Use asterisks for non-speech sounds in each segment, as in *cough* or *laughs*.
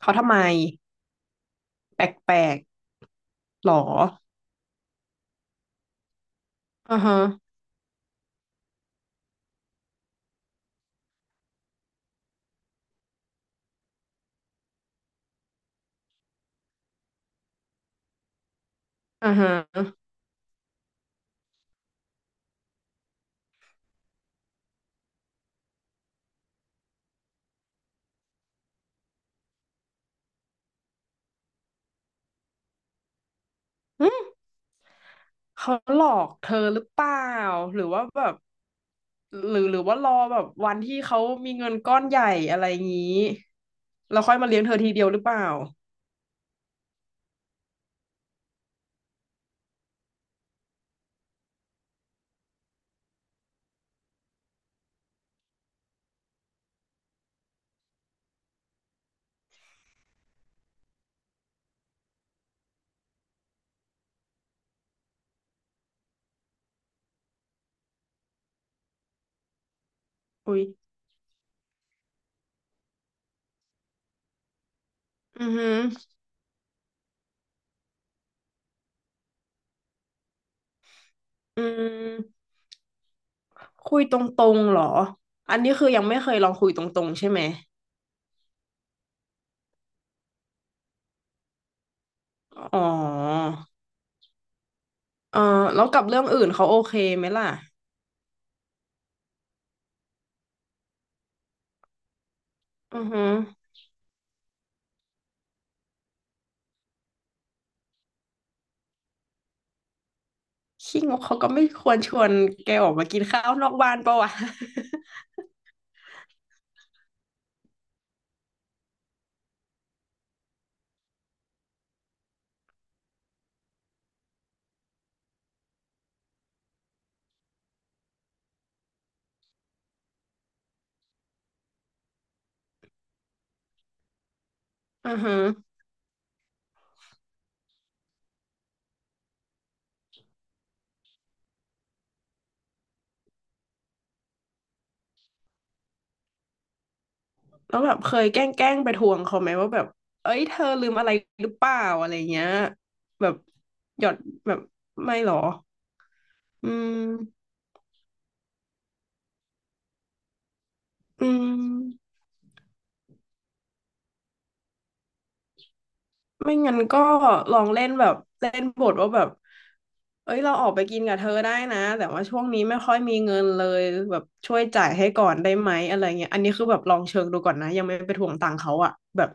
เขาทำไมแปลกๆหรออ่าฮะอ่าฮะหึเขาหลอกเธอหรือเปล่าหรือว่าแบบหรือว่ารอแบบวันที่เขามีเงินก้อนใหญ่อะไรงี้แล้วค่อยมาเลี้ยงเธอทีเดียวหรือเปล่าอุ้ยอือฮึออืมคุยตรงๆเหรอ อันนี้คือยังไม่เคยลองคุยตรงๆใช่ไหมอ๋อเออแล้วกับเรื่องอื่นเขาโอเคไหมล่ะอือฮึ ขี้งกเขาก็ไม่ควรชวนแกออกมากินข้าวนอกบ้านปะวะ *laughs* อือฮึแล้วแบบเคยแกล้งไปทวงเขาไหมว่าแบบเอ้ยเธอลืมอะไรหรือเปล่าอะไรเงี้ย แบบหยอดแบบไม่หรอ อืมอืม ไม่งั้นก็ลองเล่นแบบเล่นบทว่าแบบเอ้ยเราออกไปกินกับเธอได้นะแต่ว่าช่วงนี้ไม่ค่อยมีเงินเลยแบบช่วยจ่ายให้ก่อนได้ไหมอะไรเงี้ยอันนี้คือแบบลองเชิงดูก่อนนะยังไม่ไปทวงตังค์เขาอะแบบ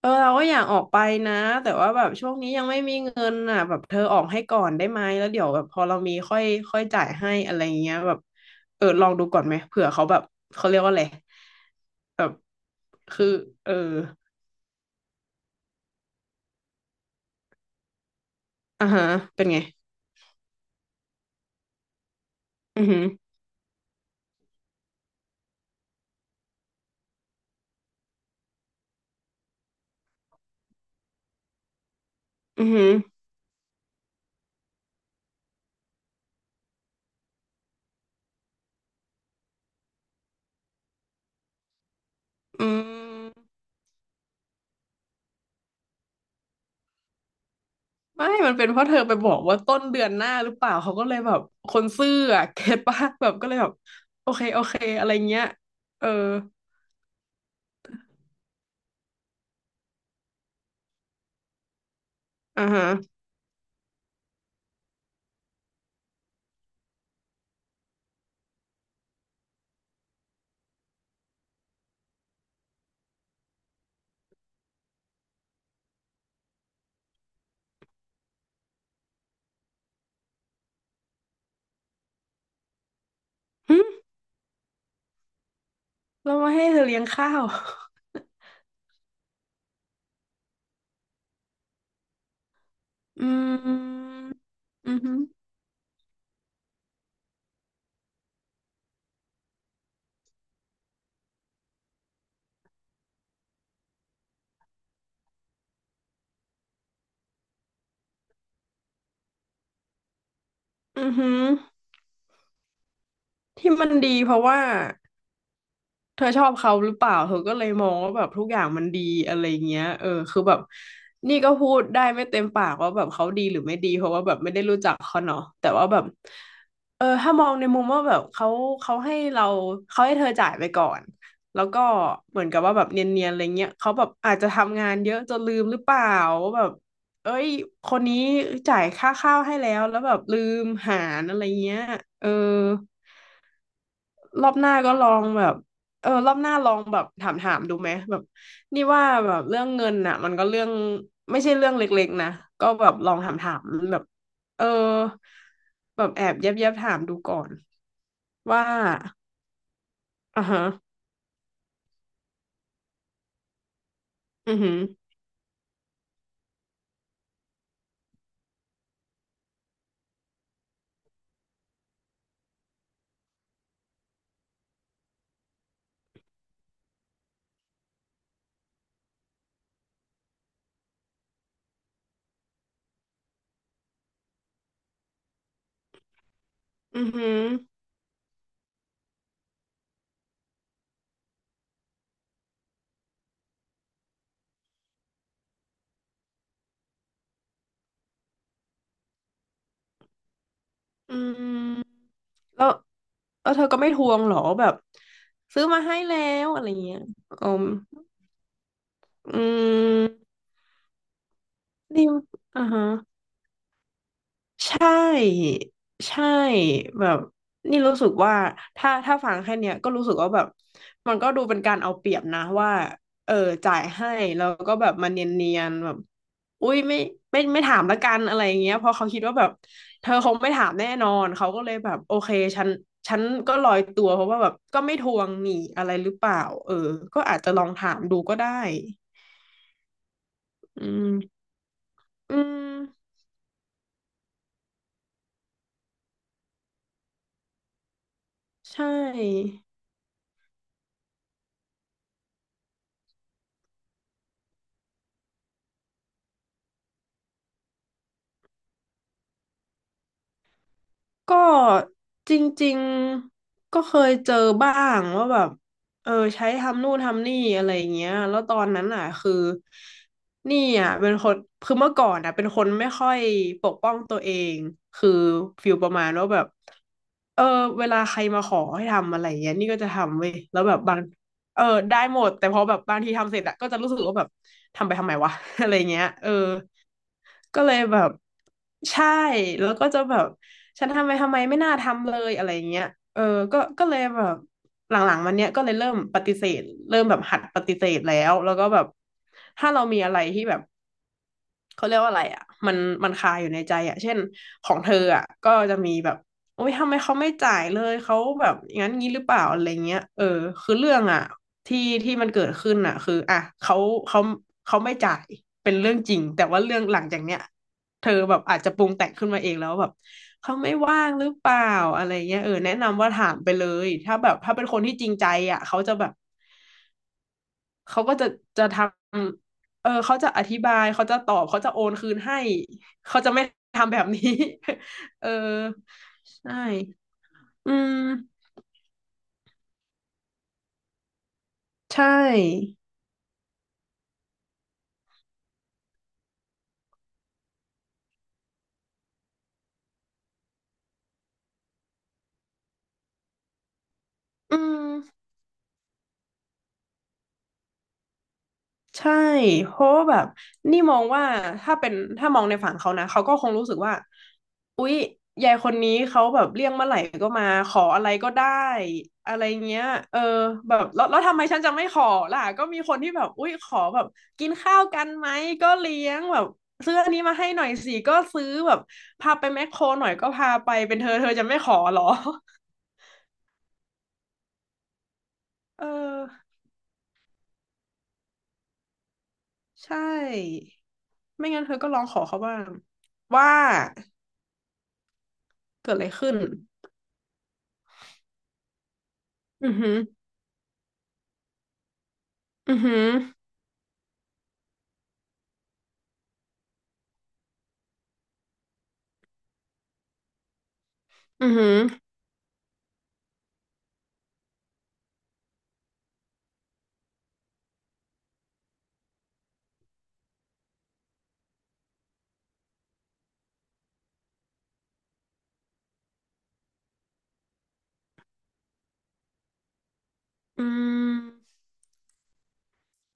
เออเราก็อยากออกไปนะแต่ว่าแบบช่วงนี้ยังไม่มีเงินอ่ะแบบเธอออกให้ก่อนได้ไหมแล้วเดี๋ยวแบบพอเรามีค่อยค่อยจ่ายให้อะไรเงี้ยแบบเออลองดูก่อนไหมเผื่อเขาแบบเขาเรียกว่าอะไรแบบคือเอออ่าฮะเป็นไง อือหืออือหืออืมไม่ มันเป็นเพราะเธอไปบอกว่าต้นเดือนหน้าหรือเปล่า เขาก็เลยแบบคนซื่ออะเก็ตปะแบบก็เลยแบบโอเคอะไรเงี้ยเอออ่าฮะหึเรามาให้เธอเลี้ยงข้าว *laughs* อืมอือหืออือหือที่มันดีเพราะว่า เธอชอบเขาหรือเปล่าเธอก็เลยมองว่าแบบทุกอย่างมันดีอะไรเงี้ยเออคือแบบนี่ก็พูดได้ไม่เต็มปากว่าแบบเขาดีหรือไม่ดีเพราะว่าแบบไม่ได้รู้จักเขาเนาะแต่ว่าแบบเออถ้ามองในมุมว่าแบบเขาให้เราเขาให้เธอจ่ายไปก่อนแล้วก็เหมือนกับว่าแบบเนียนๆอะไรเงี้ยเขาแบบอาจจะทำงานเยอะจนลืมหรือเปล่าว่าแบบเอ้ยคนนี้จ่ายค่าข้าวให้แล้วแล้วแบบลืมหารอะไรเงี้ยเออ รอบหน้าก็ลองแบบเออรอบหน้าลองแบบถามดูไหมแบบนี่ว่าแบบเรื่องเงินน่ะมันก็เรื่องไม่ใช่เรื่องเล็กๆนะก็แบบลองถามแบบเออแบบแอบแยบแยบถามดูก่อนว่าอ่าฮะอือหืออือหืออืมแล้วเธอก็ไม่ทวงเหรอแบบซื้อมาให้แล้วอะไรเงี้ยอืมอืมนี่อ่าฮะ ใช่ใช่แบบนี่รู้สึกว่าถ้าฟังแค่เนี้ยก็รู้สึกว่าแบบมันก็ดูเป็นการเอาเปรียบนะว่าเออจ่ายให้แล้วก็แบบมันเนียนๆแบบอุ้ยไม่ไม่ถามละกันอะไรอย่างเงี้ยเพราะเขาคิดว่าแบบเธอคงไม่ถามแน่นอนเขาก็เลยแบบโอเคฉันฉันก็ลอยตัวเพราะว่าแบบก็ไม่ทวงหนี่อะไรหรือเปล่าเออก็อาจจะลองถามดูก็ได้อืมอืมใช่ ก็จริงๆก็เคยเจอบ้างว่าแบบเออใช้ทำนู่นทำนี่อะไรอย่างเงี้ยแล้วตอนนั้นอ่ะคือนี่อ่ะเป็นคนคือเมื่อก่อนอ่ะเป็นคนไม่ค่อยปกป้องตัวเองคือฟิลประมาณว่าแบบเออเวลาใครมาขอให้ทำอะไรอย่างเงี้ยนี่ก็จะทำเว้ยแล้วแบบบางเออได้หมดแต่พอแบบบางทีทำเสร็จอะก็จะรู้สึกว่าแบบทำไปทำไมวะ *laughs* อะไรเงี้ยเออ ก็เลยแบบใช่แล้วก็จะแบบฉันทำไปทำไมไม่น่าทำเลยอะไรอย่างเงี้ยเออก็เลยแบบหลังๆมันเนี้ยก็เลยเริ่มปฏิเสธเริ่มแบบหัดปฏิเสธแล้วแล้วก็แบบถ้าเรามีอะไรที่แบบ เขาเรียกว่าอะไรอ่ะมันคาอยู่ในใจอ่ะเช่นของเธออ่ะก็จะมีแบบโอ๊ยทำไมเขาไม่จ่ายเลยเขาแบบอย่างนั้นงี้หรือเปล่าอะไรเงี้ยเออคือเรื่องอ่ะที่ที่มันเกิดขึ้นอ่ะคืออ่ะเขาเขาไม่จ่ายเป็นเรื่องจริงแต่ว่าเรื่องหลังจากเนี้ยเธอแบบอาจจะปรุงแต่งขึ้นมาเองแล้วแบบเขาไม่ว่างหรือเปล่าอะไรเงี้ยเออแนะนำว่าถามไปเลยถ้าแบบถ้าเป็นคนที่จริงใจอ่ะเขาจะแบบ เขาก็จะจะทำ เออเขาจะอธิบายเขาจะตอบเขาจะโอนคืนให้เขาจะไม่ทำแบบนี้ *laughs* เออใช่อืมใช่อืม ใช่เพราะว่าแบบนี่มองว่าถ้าเป็นถ้ามองในฝั่งเขานะเขาก็คงรู้สึกว่าอุ๊ยยายคนนี้เขาแบบเรียกเมื่อไหร่ก็มาขออะไรก็ได้อะไรเงี้ยเออแบบแล้วแล้วทำไมฉันจะไม่ขอล่ะก็มีคนที่แบบอุ๊ยขอแบบกินข้าวกันไหมก็เลี้ยงแบบซื้ออันนี้มาให้หน่อยสิก็ซื้อแบบพาไปแมคโครหน่อยก็พาไปเป็นเธอจะไม่ขอเหรอ *laughs* เออใช่ไม่งั้นเธอก็ลองขอเขาบ้างว่า เกิดอะไรขึ้นอือหืออือหืออือหืออืม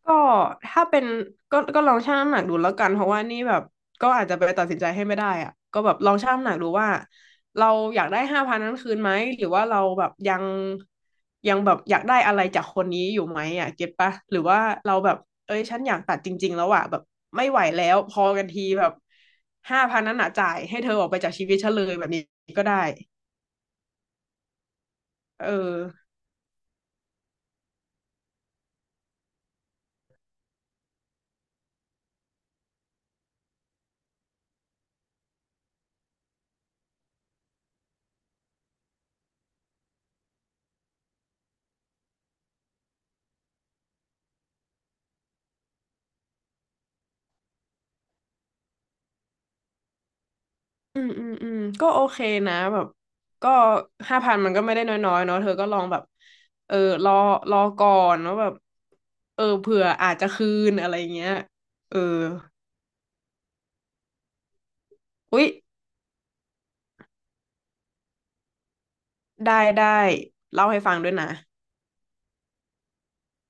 ก็ถ้าเป็นก็ลองชั่งน้ำหนักดูแล้วกันเพราะว่านี่แบบก็อาจจะไปตัดสินใจให้ไม่ได้อะก็แบบลองชั่งน้ำหนักดูว่าเราอยากได้ห้าพันนั้นคืนไหมหรือว่าเราแบบยังแบบอยากได้อะไรจากคนนี้อยู่ไหมอ่ะเก็ตปะหรือว่าเราแบบเอ้ยฉันอยากตัดจริงๆแล้วอ่ะแบบไม่ไหวแล้วพอกันทีแบบห้าพันนั้นอ่ะจ่ายให้เธอออกไปจากชีวิตฉันเลยแบบนี้ก็ได้เออ อืมอืมอืมก็โอเคนะแบบก็ห้าพันมันก็ไม่ได้น้อยๆเนาะเธอก็ลองแบบเออรอรอก่อนว่าแบบเออเผื่ออาจจะคืนอะไรเงี้ยเอออุ๊ยได้ได้เล่าให้ฟังด้วยนะ